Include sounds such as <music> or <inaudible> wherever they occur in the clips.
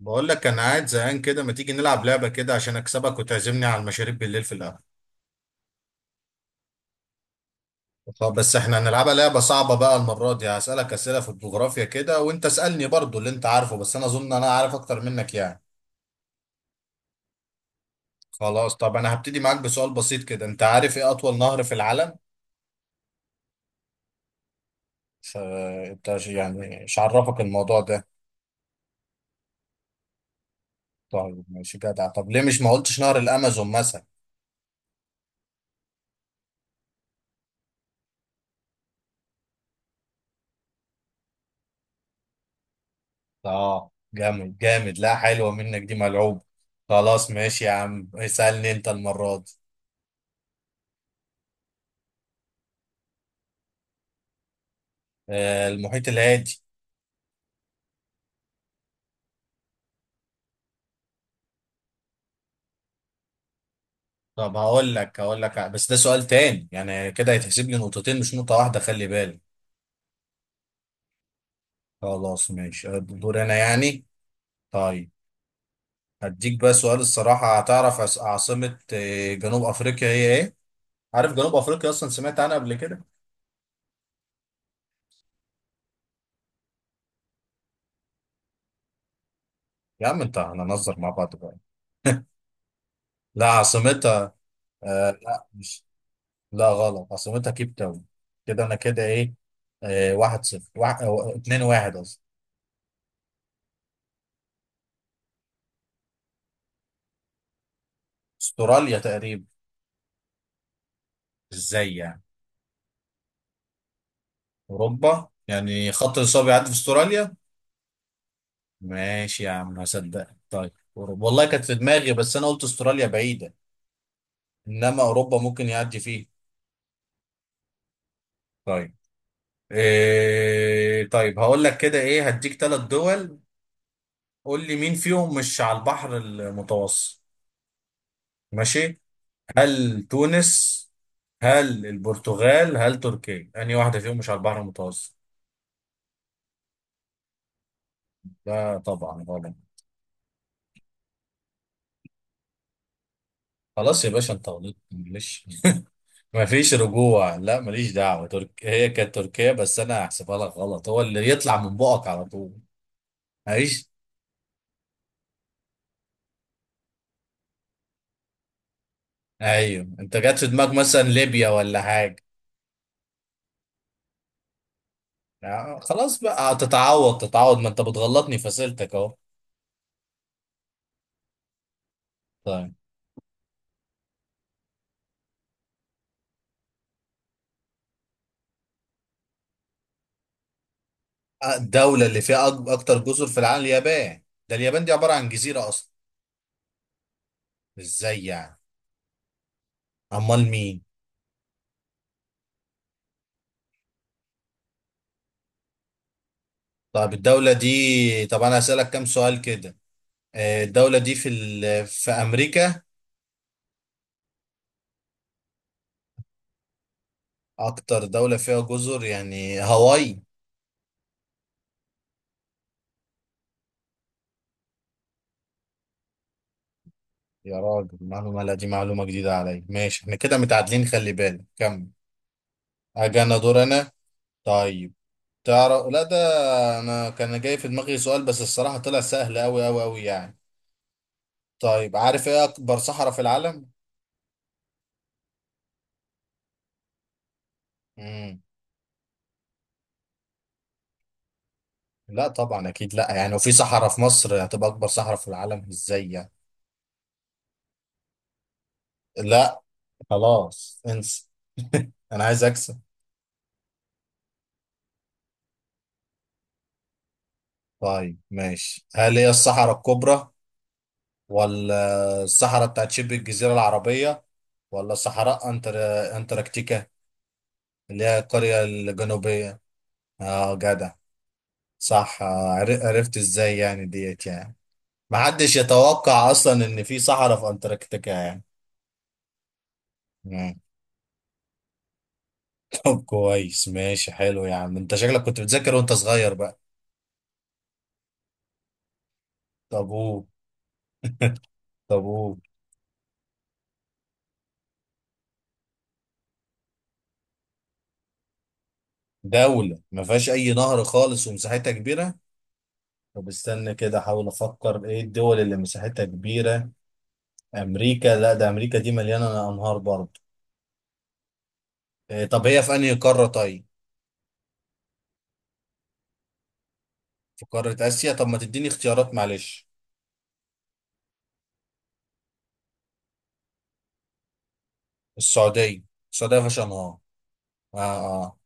بقول لك انا قاعد زهقان كده. ما تيجي نلعب لعبه كده عشان اكسبك وتعزمني على المشاريب بالليل في القهوه؟ طب بس احنا هنلعبها لعبه صعبه بقى. المره دي هسالك اسئله في الجغرافيا كده، وانت اسالني برضو اللي انت عارفه، بس انا اظن انا عارف اكتر منك يعني. خلاص طب انا هبتدي معاك بسؤال بسيط كده. انت عارف ايه اطول نهر في العالم؟ ف- انت يعني مش عرفك الموضوع ده؟ طيب ماشي جدع. طب ليه مش ما قلتش نهر الامازون مثلا؟ اه جامد جامد، لا حلوه منك دي، ملعوب. خلاص ماشي يا عم، اسالني انت المره دي. المحيط الهادي. طب هقول لك هقول لك، بس ده سؤال تاني يعني، كده هيتحسب لي نقطتين مش نقطة واحدة، خلي بالك. خلاص ماشي، دور انا يعني. طيب هديك بقى سؤال الصراحة هتعرف. عاصمة جنوب افريقيا هي ايه؟ عارف جنوب افريقيا اصلا؟ سمعت عنها قبل كده؟ يا عم انت هنهزر مع بعض بقى. لا، عاصمتها، آه لا مش، لا غلط، عاصمتها كيب تاون. كده انا كده ايه، آه واحد صفر واحد، اتنين واحد قصدي. استراليا تقريبا. ازاي يعني؟ اوروبا يعني خط الاصابه بيعدي في استراليا؟ ماشي يا عم هصدق. طيب اوروبا والله كانت في دماغي، بس انا قلت استراليا بعيده، انما اوروبا ممكن يعدي فيه. طيب، إيه طيب هقول لك كده ايه، هديك ثلاث دول. قول لي مين فيهم مش على البحر المتوسط. ماشي، هل تونس، هل البرتغال، هل تركيا؟ انهي واحده فيهم مش على البحر المتوسط؟ لا طبعا غلط. خلاص يا باشا انت غلطت معلش. ما فيش رجوع، لا ماليش دعوة. هي كانت تركيا، بس انا هحسبها لك غلط، هو اللي يطلع من بقك على طول. ماليش. ايوه انت جات في دماغك مثلا ليبيا ولا حاجة. خلاص بقى، تتعوض تتعوض، ما انت بتغلطني في اسئلتك اهو. طيب، الدولة اللي فيها اكتر جزر في العالم اليابان. ده اليابان دي عبارة عن جزيرة اصلا. ازاي يعني؟ امال مين؟ طيب الدولة دي، طب انا هسألك كام سؤال كده. الدولة دي في في امريكا؟ اكتر دولة فيها جزر يعني هاواي؟ يا راجل معلومة، لا دي معلومة جديدة عليا. ماشي احنا كده متعادلين، خلي بالك كمل. اجي انا، دور انا. طيب تعرف، لا ده انا كان جاي في دماغي سؤال بس الصراحة طلع سهل اوي اوي اوي يعني. طيب عارف ايه اكبر صحراء في العالم؟ مم. لا طبعا اكيد لا، يعني لو في صحراء في مصر هتبقى اكبر صحراء في العالم؟ ازاي يعني؟ لا، خلاص انسى. <laughs> انا عايز اكسب. طيب ماشي، هل هي الصحراء الكبرى، ولا الصحراء بتاعت شبه الجزيرة العربية، ولا صحراء أنتاركتيكا اللي هي القرية الجنوبية؟ اه جدع. صح آه. عرفت ازاي يعني ديت يعني؟ محدش يتوقع اصلا ان في صحراء في انتاركتيكا يعني. مم. <laughs> طب كويس ماشي حلو، يا عم انت شكلك كنت بتذاكر وانت صغير بقى. طب قول. طب قول. دولة ما فيهاش اي نهر خالص ومساحتها كبيرة؟ طب استنى كده احاول افكر ايه الدول اللي مساحتها كبيرة. امريكا، لا ده امريكا دي مليانة انهار برضه. إيه طب هي في انهي قارة طيب؟ في قارة آسيا؟ طب ما تديني اختيارات معلش. السعودية. السعودية فيهاش أنهار؟ آه آه.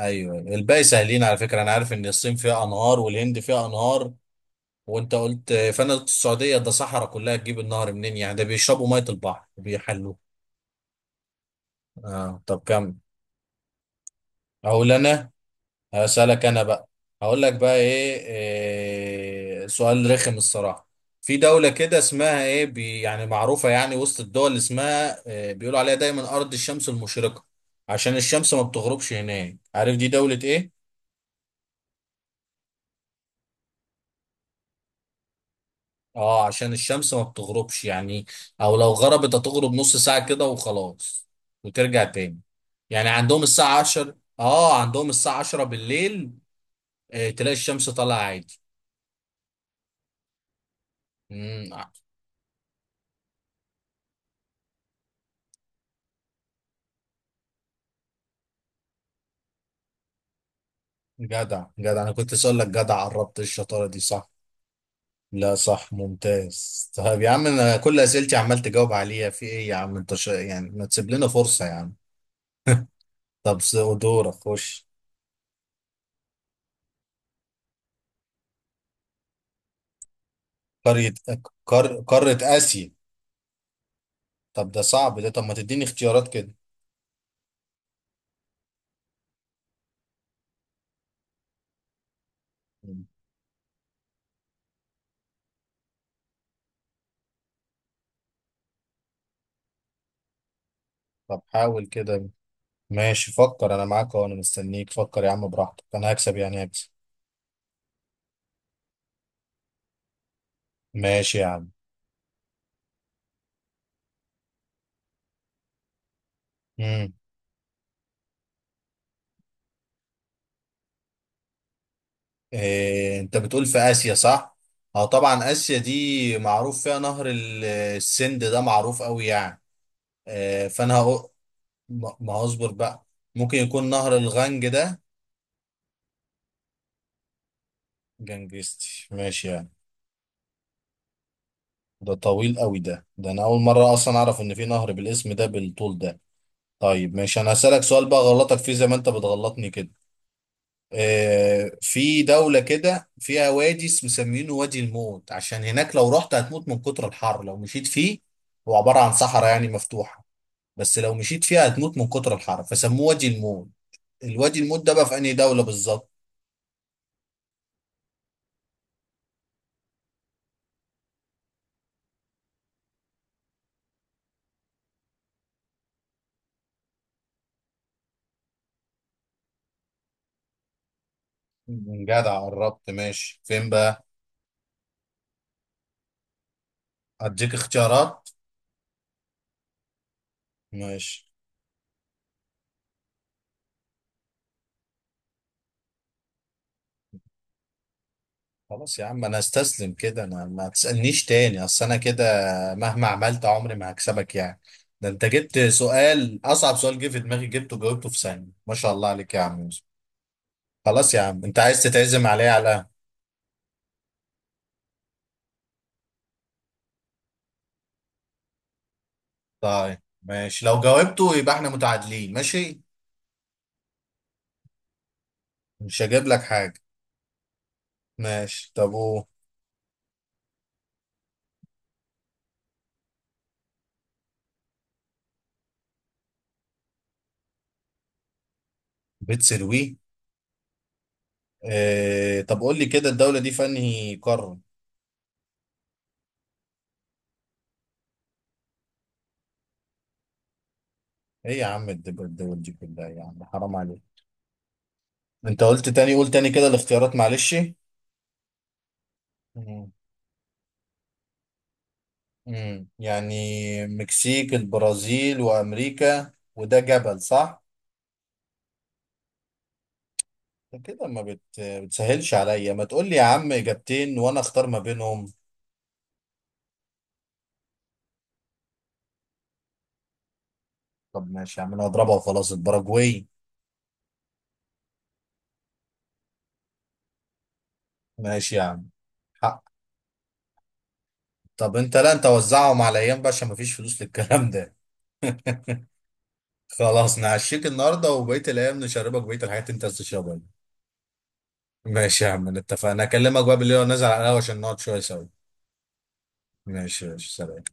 أيوه، الباقي سهلين على فكرة، أنا عارف إن الصين فيها أنهار والهند فيها أنهار، وأنت قلت فأنا قلت السعودية، ده صحراء كلها، تجيب النهر منين يعني؟ ده بيشربوا مية البحر وبيحلوه. آه طب كمل. أقول أنا، هسألك أنا بقى. هقول لك بقى إيه، إيه سؤال رخم الصراحة. في دولة كده اسمها إيه بي، يعني معروفة يعني وسط الدول اللي اسمها إيه، بيقولوا عليها دايما أرض الشمس المشرقة، عشان الشمس ما بتغربش هناك. عارف دي دولة إيه؟ آه عشان الشمس ما بتغربش يعني، أو لو غربت هتغرب نص ساعة كده وخلاص، وترجع تاني. يعني عندهم الساعة 10، آه عندهم الساعة 10 بالليل، إيه، تلاقي الشمس طالعة عادي. جدع جدع، انا كنت لسه اقول لك جدع، قربت الشطاره دي صح. لا صح ممتاز. طيب يا عم انا كل اسئلتي عمال تجاوب عليها في ايه يا عم انت ش... يعني ما تسيب لنا فرصه يا عم. طب دورك خش. قريه قاره اسيا. طب ده صعب ده، طب ما تديني اختيارات كده. مم. طب حاول كده. ماشي، فكر انا معاك، وانا مستنيك فكر يا عم براحتك، انا هكسب يعني هكسب. ماشي يا عم. مم. إيه، انت بتقول في اسيا صح؟ اه طبعا اسيا دي معروف فيها نهر السند، ده معروف قوي يعني. إيه، فانا هقول. ما هصبر بقى، ممكن يكون نهر الغنج ده. جنجستي ماشي يعني. ده طويل قوي ده، ده انا اول مرة اصلا اعرف ان في نهر بالاسم ده بالطول ده. طيب ماشي انا هسألك سؤال بقى غلطك فيه زي ما انت بتغلطني كده. في دولة كده فيها وادي مسمينه وادي الموت، عشان هناك لو رحت هتموت من كتر الحر لو مشيت فيه. هو عبارة عن صحراء يعني مفتوحة، بس لو مشيت فيها هتموت من كتر الحر، فسموه وادي الموت. الوادي الموت ده بقى في أنهي دولة بالظبط؟ جدع قربت ماشي، فين بقى؟ أديك اختيارات. ماشي. خلاص يا عم انا استسلم كده، انا ما تسألنيش تاني اصل انا كده مهما عملت عمري ما هكسبك يعني. ده انت جبت سؤال، اصعب سؤال جه في دماغي جبته وجاوبته في ثانية، ما شاء الله عليك يا عم يوسف. خلاص يا عم انت عايز تتعزم عليا على القهوة. طيب ماشي، لو جاوبته يبقى احنا متعادلين ماشي. مش هجيب لك حاجة. ماشي طب و، بتسروي. اه طب قول لي كده، الدولة دي في انهي قارة؟ ايه يا عم، الدول دي كلها، يا عم حرام عليك. انت قلت تاني، قول تاني كده الاختيارات معلش. يعني، مكسيك البرازيل وامريكا، وده جبل صح؟ ده كده ما بتسهلش عليا، ما تقول لي يا عم اجابتين وانا اختار ما بينهم. طب ماشي يا عم انا هضربها وخلاص، الباراجواي. ماشي يا عم. حق. طب انت، لا انت وزعهم على ايام بقى عشان ما فيش فلوس للكلام ده. <laughs> خلاص نعشيك النهارده، وبقيه الايام نشربك بقيه الحاجات اللي انت عايز تشربها. ماشي يا عم اتفقنا، اكلمك بقى بالليل ونزل على القهوه عشان نقعد شويه سوا. ماشي سلام.